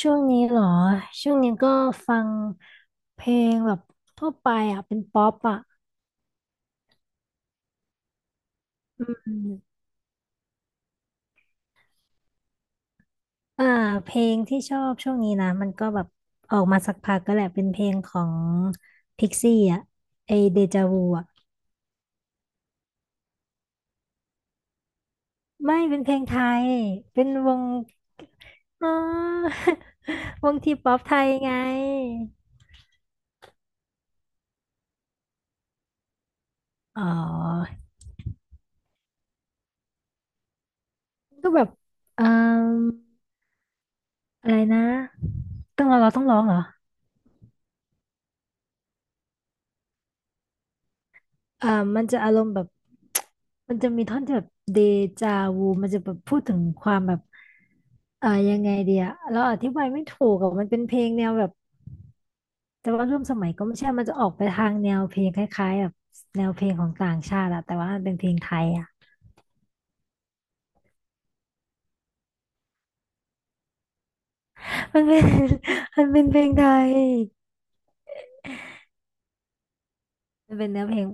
ช่วงนี้เหรอช่วงนี้ก็ฟังเพลงแบบทั่วไปอ่ะเป็นป๊อปอ่ะอืมอ่าเพลงที่ชอบช่วงนี้นะมันก็แบบออกมาสักพักก็แหละเป็นเพลงของพิกซี่อ่ะไอเดจาวูอ่ะไม่เป็นเพลงไทยเป็นวง อ๋อ วงทีป๊อปไทยไงอ๋อก็แบบเอ่มอะไรนะต้องเราต้องร้องเหรอ อ่ามันจะอารมณ์แบบ มันจะมีท่อนที่แบบเดจาวูมันจะแบบพูดถึงความแบบเอ่ายังไงเดียเราอธิบายไม่ถูกอะมันเป็นเพลงแนวแบบแต่ว่าร่วมสมัยก็ไม่ใช่มันจะออกไปทางแนวเพลงคล้ายๆแบบแนวเพลงของต่างชาติอะแต่ว่ามันเป็นเพลงไทยอะมันเป็น มันเป็นเพลงไทยมันเป็นแนวเพลง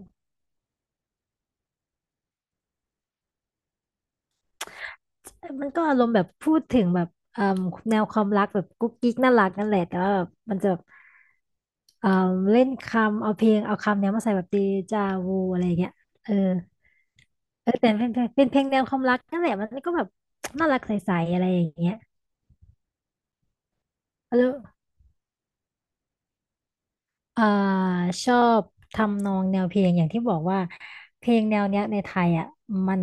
มันก็อารมณ์แบบพูดถึงแบบเอ่มแนวความรักแบบกุ๊กกิ๊กน่ารักนั่นแหละแต่ว่าแบบมันจะแบบ เอ่อเล่นคำเอาเพลงเอาคำเนี้ยมาใส่แบบเดจาวูอะไรอย่างเงี้ยเออเออแต่เป็นเพลงเป็นเพลงแนวความรักนั่นแหละมันก็แบบน่ารักใสๆอะไรอย่างเงี้ยแล้วเอ่อชอบทำนองแนวเพลงอย่างที่บอกว่าเพลงแนวเนี้ยในไทยอ่ะมัน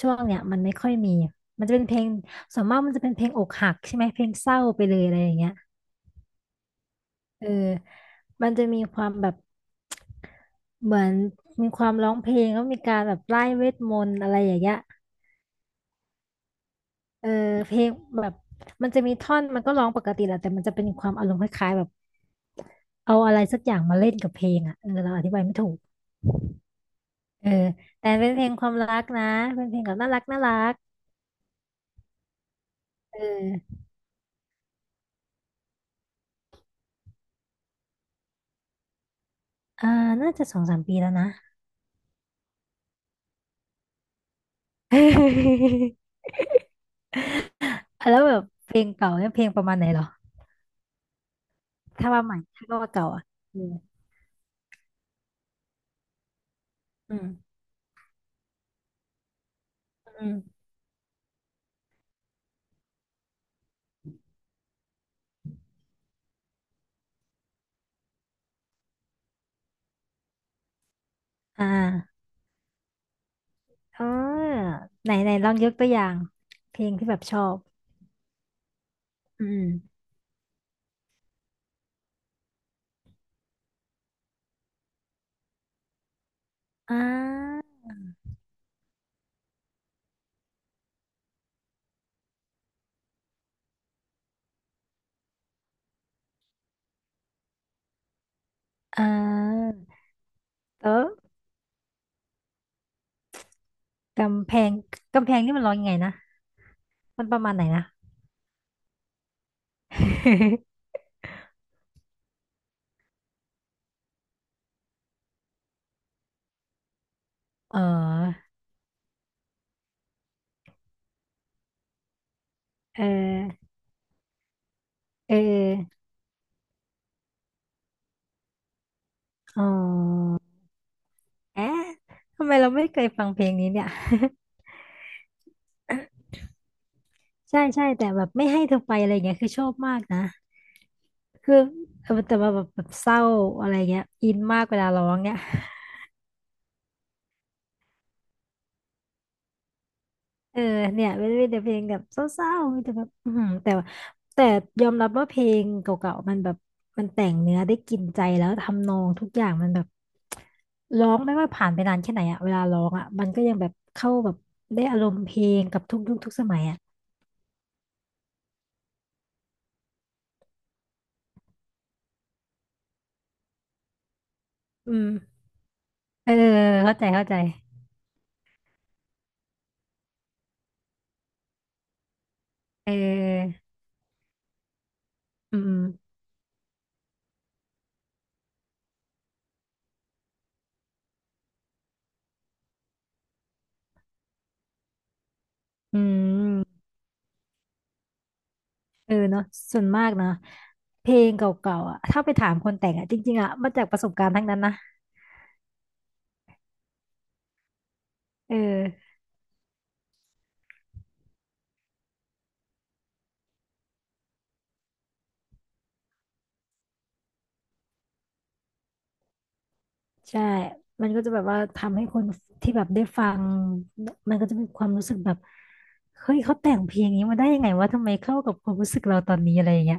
ช่วงเนี้ยมันไม่ค่อยมีมันจะเป็นเพลงส่วนมากมันจะเป็นเพลงอกหักใช่ไหมเพลงเศร้าไปเลยอะไรอย่างเงี้ยเออมันจะมีความแบบเหมือนมีความร้องเพลงแล้วมีการแบบไล่เวทมนต์อะไรอย่างเงี้ย เออเพลงแบบมันจะมีท่อนมันก็ร้องปกติแหละแต่มันจะเป็นความอารมณ์คล้ายๆแบบเอาอะไรสักอย่างมาเล่นกับเพลงอ่ะเออเราอธิบายไม่ถูกเออแต่เป็นเพลงความรักนะเป็นเพลงแบบน่ารักน่ารักเอออ่าน่าจะ2-3 ปีแล้วนะ แล้วแบบเพลงเก่าเนี่ยเพลงประมาณไหนเหรอถ้าว่าใหม่ถ้าว่าเก่าอ่ะอืมอืมอืมอ่าอ๋อไหนไหนลองยกตัวอย่างเพลงที่แบบชอบอืมอ่าอ่าเออ กำแพงกำแพงนี่มันร้องยังไงนะมันประมาณไหนนะ เออเออเอออ๋อแอะทำไมเราไม่เคยฟังเพลงนี้เนี่ยใช่ใช่แต่แบบไม่ให้เธอไปอะไรเงี้ยคือชอบมากนะคือเออแต่ว่าแบบเศร้าอะไรเงี้ยอินมากเวลาร้องเนี่ย เออเนี่ยไม่ได้แต่เพลงแบบเศร้าๆมีแต่แบบอือหือแต่ว่าแต่ยอมรับว่าเพลงเก่าๆมันแบบมันแต่งเนื้อได้กินใจแล้วทำนองทุกอย่างมันแบบร้องไม่ว่าผ่านไปนานแค่ไหนอะเวลาร้องอะมันก็ยังแบบเข้าแบบได้อารมณ์เพลงกับทุกยุคทุกสมัยอะอืมเออเข้าใจเข้าใจเอออืมอืมเออเนาะส่วนมากนะเพลงเก่าๆอะถ้าไปถามคนแต่งอะจริงๆอะมาจากประสบการณ์ทั้งนั้นนะเออ ใช่ มันก็จะแบบว่าทำให้คนที่แบบได้ฟัง มันก็จะมีความรู้สึกแบบ เฮ้ยเขาแต่งเพลงนี้มาได้ยังไงวะทำไมเข้ากับความรู้สึกเราตอนนี้อะไรอย่างเงี้ย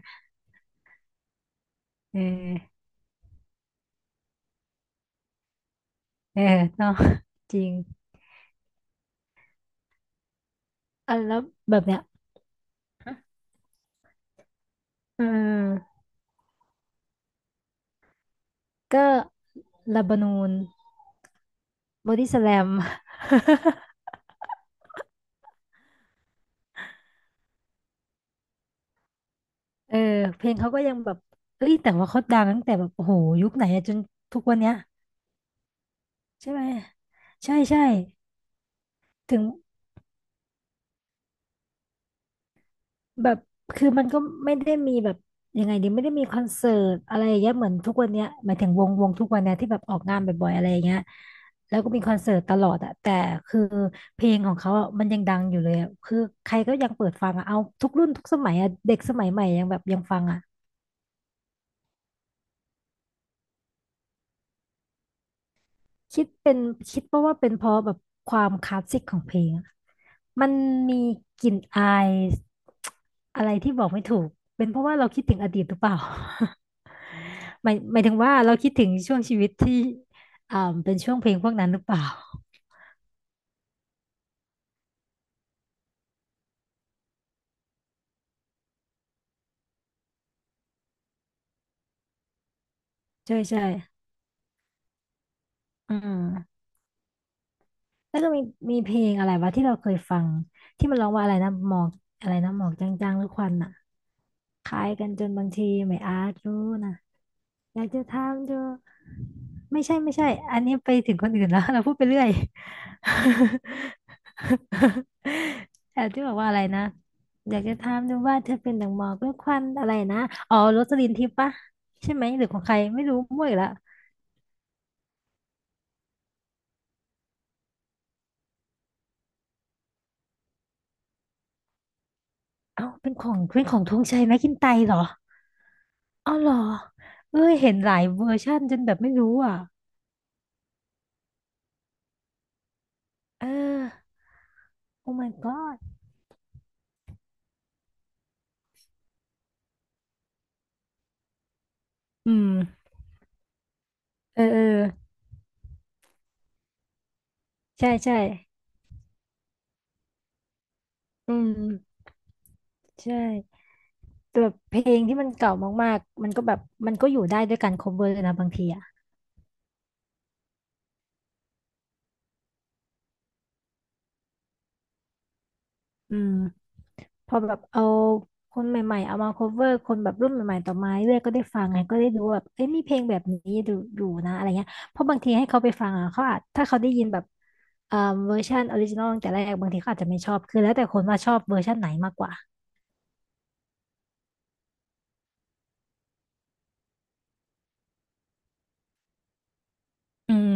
เออเออเนาะจริงอ่ะแล้วแบบเนี้ยเออก็ลาบานูนบอดี้สแลมเออเพลงเขาก็ยังแบบเอ้ยแต่ว่าเขาดังตั้งแต่แบบโอ้โหยุคไหนอะจนทุกวันเนี้ยใช่ไหมใช่ใช่ถึง แบบคือมันก็ไม่ได้มีแบบยังไงดีไม่ได้มีคอนเสิร์ตอะไรอย่างเงี้ยเหมือนทุกวันเนี้ยหมายถึงวงทุกวันเนี้ยที่แบบออกงานบ่อยๆอะไรอย่างเงี้ยแล้วก็มีคอนเสิร์ตตลอดอะแต่คือเพลงของเขาอะมันยังดังอยู่เลยอะคือใครก็ยังเปิดฟังอะเอาทุกรุ่นทุกสมัยอะเด็กสมัยใหม่ยังแบบยังฟังอะคิดเป็นคิดเพราะว่าเป็นเพราะแบบความคลาสสิกของเพลงอะมันมีกลิ่นอายอะไรที่บอกไม่ถูกเป็นเพราะว่าเราคิดถึงอดีตหรือเปล่า หมายถึงว่าเราคิดถึงช่วงชีวิตที่อ่าเป็นช่วงเพลงพวกนั้นหรือเปล่าใช่ใช่อืมแล้วก็มีเพลงอะไรวะที่เราเคยฟังที่มันร้องว่าอะไรนะหมอกอะไรนะหมอกจางๆหรือควันอ่ะคล้ายกันจนบางทีไม่อาจรู้นะอยากจะถามดู ไม่ใช่ไม่ใช่ อันนี้ไปถึงคนอื่นแล้ว เราพูดไปเรื่อย แต่ที่บอกว่าอะไรนะอยากจะถามดูว่าเธอเป็นดังหมอกหรือควันอะไรนะอ๋อโรสลินทิพย์ปะใช่ไหมหรือของใครไม่รู้มั่วอีกแล้วเอ้าเป็นของเป็นของธงชัยไหมกินไตร์เหรออ๋อเหรอ เอ้ยเห็นหลายเวอร์ชั่นจนแบบไม่รู้อ่ะเออโอ้ my god อืมเออเออใช่ใช่อืมใช่ แต่แบบเพลงที่มันเก่ามากๆมันก็แบบมันก็อยู่ได้ด้วยการ cover นะบางทีอ่ะอืมพอแบบเอาคนใหม่ๆเอามา cover คนแบบรุ่นใหม่ๆต่อมาเรื่อยๆก็ได้ฟังไงก็ได้ดูว่าแบบเอ้ยมีเพลงแบบนี้ดูอยู่นะอะไรเงี้ยเพราะบางทีให้เขาไปฟังอ่ะเขาอาจถ้าเขาได้ยินแบบเอ่อเวอร์ชันออริจินอลตั้งแต่แรกบางทีเขาอาจจะไม่ชอบคือแล้วแต่คนว่าชอบเวอร์ชันไหนมากกว่าอืม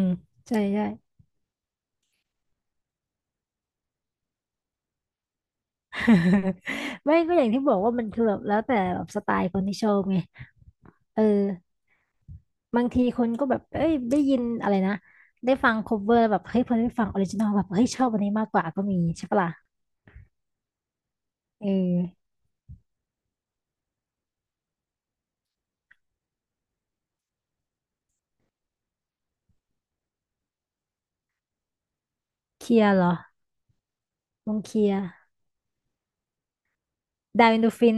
ใช่ใช่ ไม่ก็อย่างที่บอกว่ามันคือแบบแล้วแต่แบบสไตล์คนที่ชอบไงเออ บางทีคนก็แบบเอ้ยได้ยินอะไรนะได้ฟังคเวอร์แบบเฮ้ยพอได้ฟังออริจินอลแบบเฮ้ยชอบอันนี้มากกว่าก็มีใช่ปะล่ะเออเคลียร์เหรอวงเคลียร์ดาวอินดูฟิน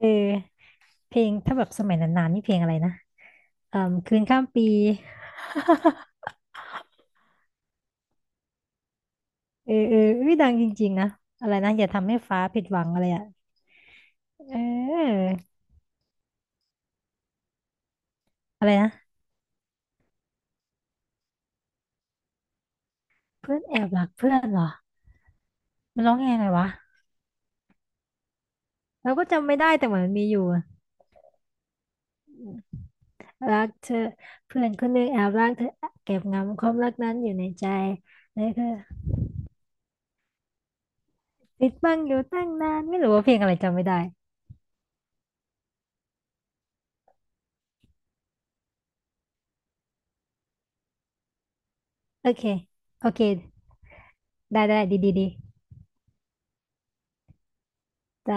เออเพลงถ้าแบบสมัยนานๆนี่เพลงอะไรนะเอ่อคืนข้ามปีเออเออเอ้ยดังจริงๆนะอะไรนะอย่าทำให้ฟ้าผิดหวังอะไรอ่ะเอออะไรนะเพื่อนแอบรักเพื่อนเหรอ มันร้องยังไงวะเราก็จำไม่ได้แต่เหมือนมันมีอยู่ รักเธอเพื่อนคนหนึ่งแอบรักเธอเก็บงำความรักนั้นอยู่ในใจนี่คือติดบังอยู่ตั้งนานไม่รู้ว่าเพลงอะไรจำไม่ได้โอเคโอเคได้ได้ดีดีดีจ้า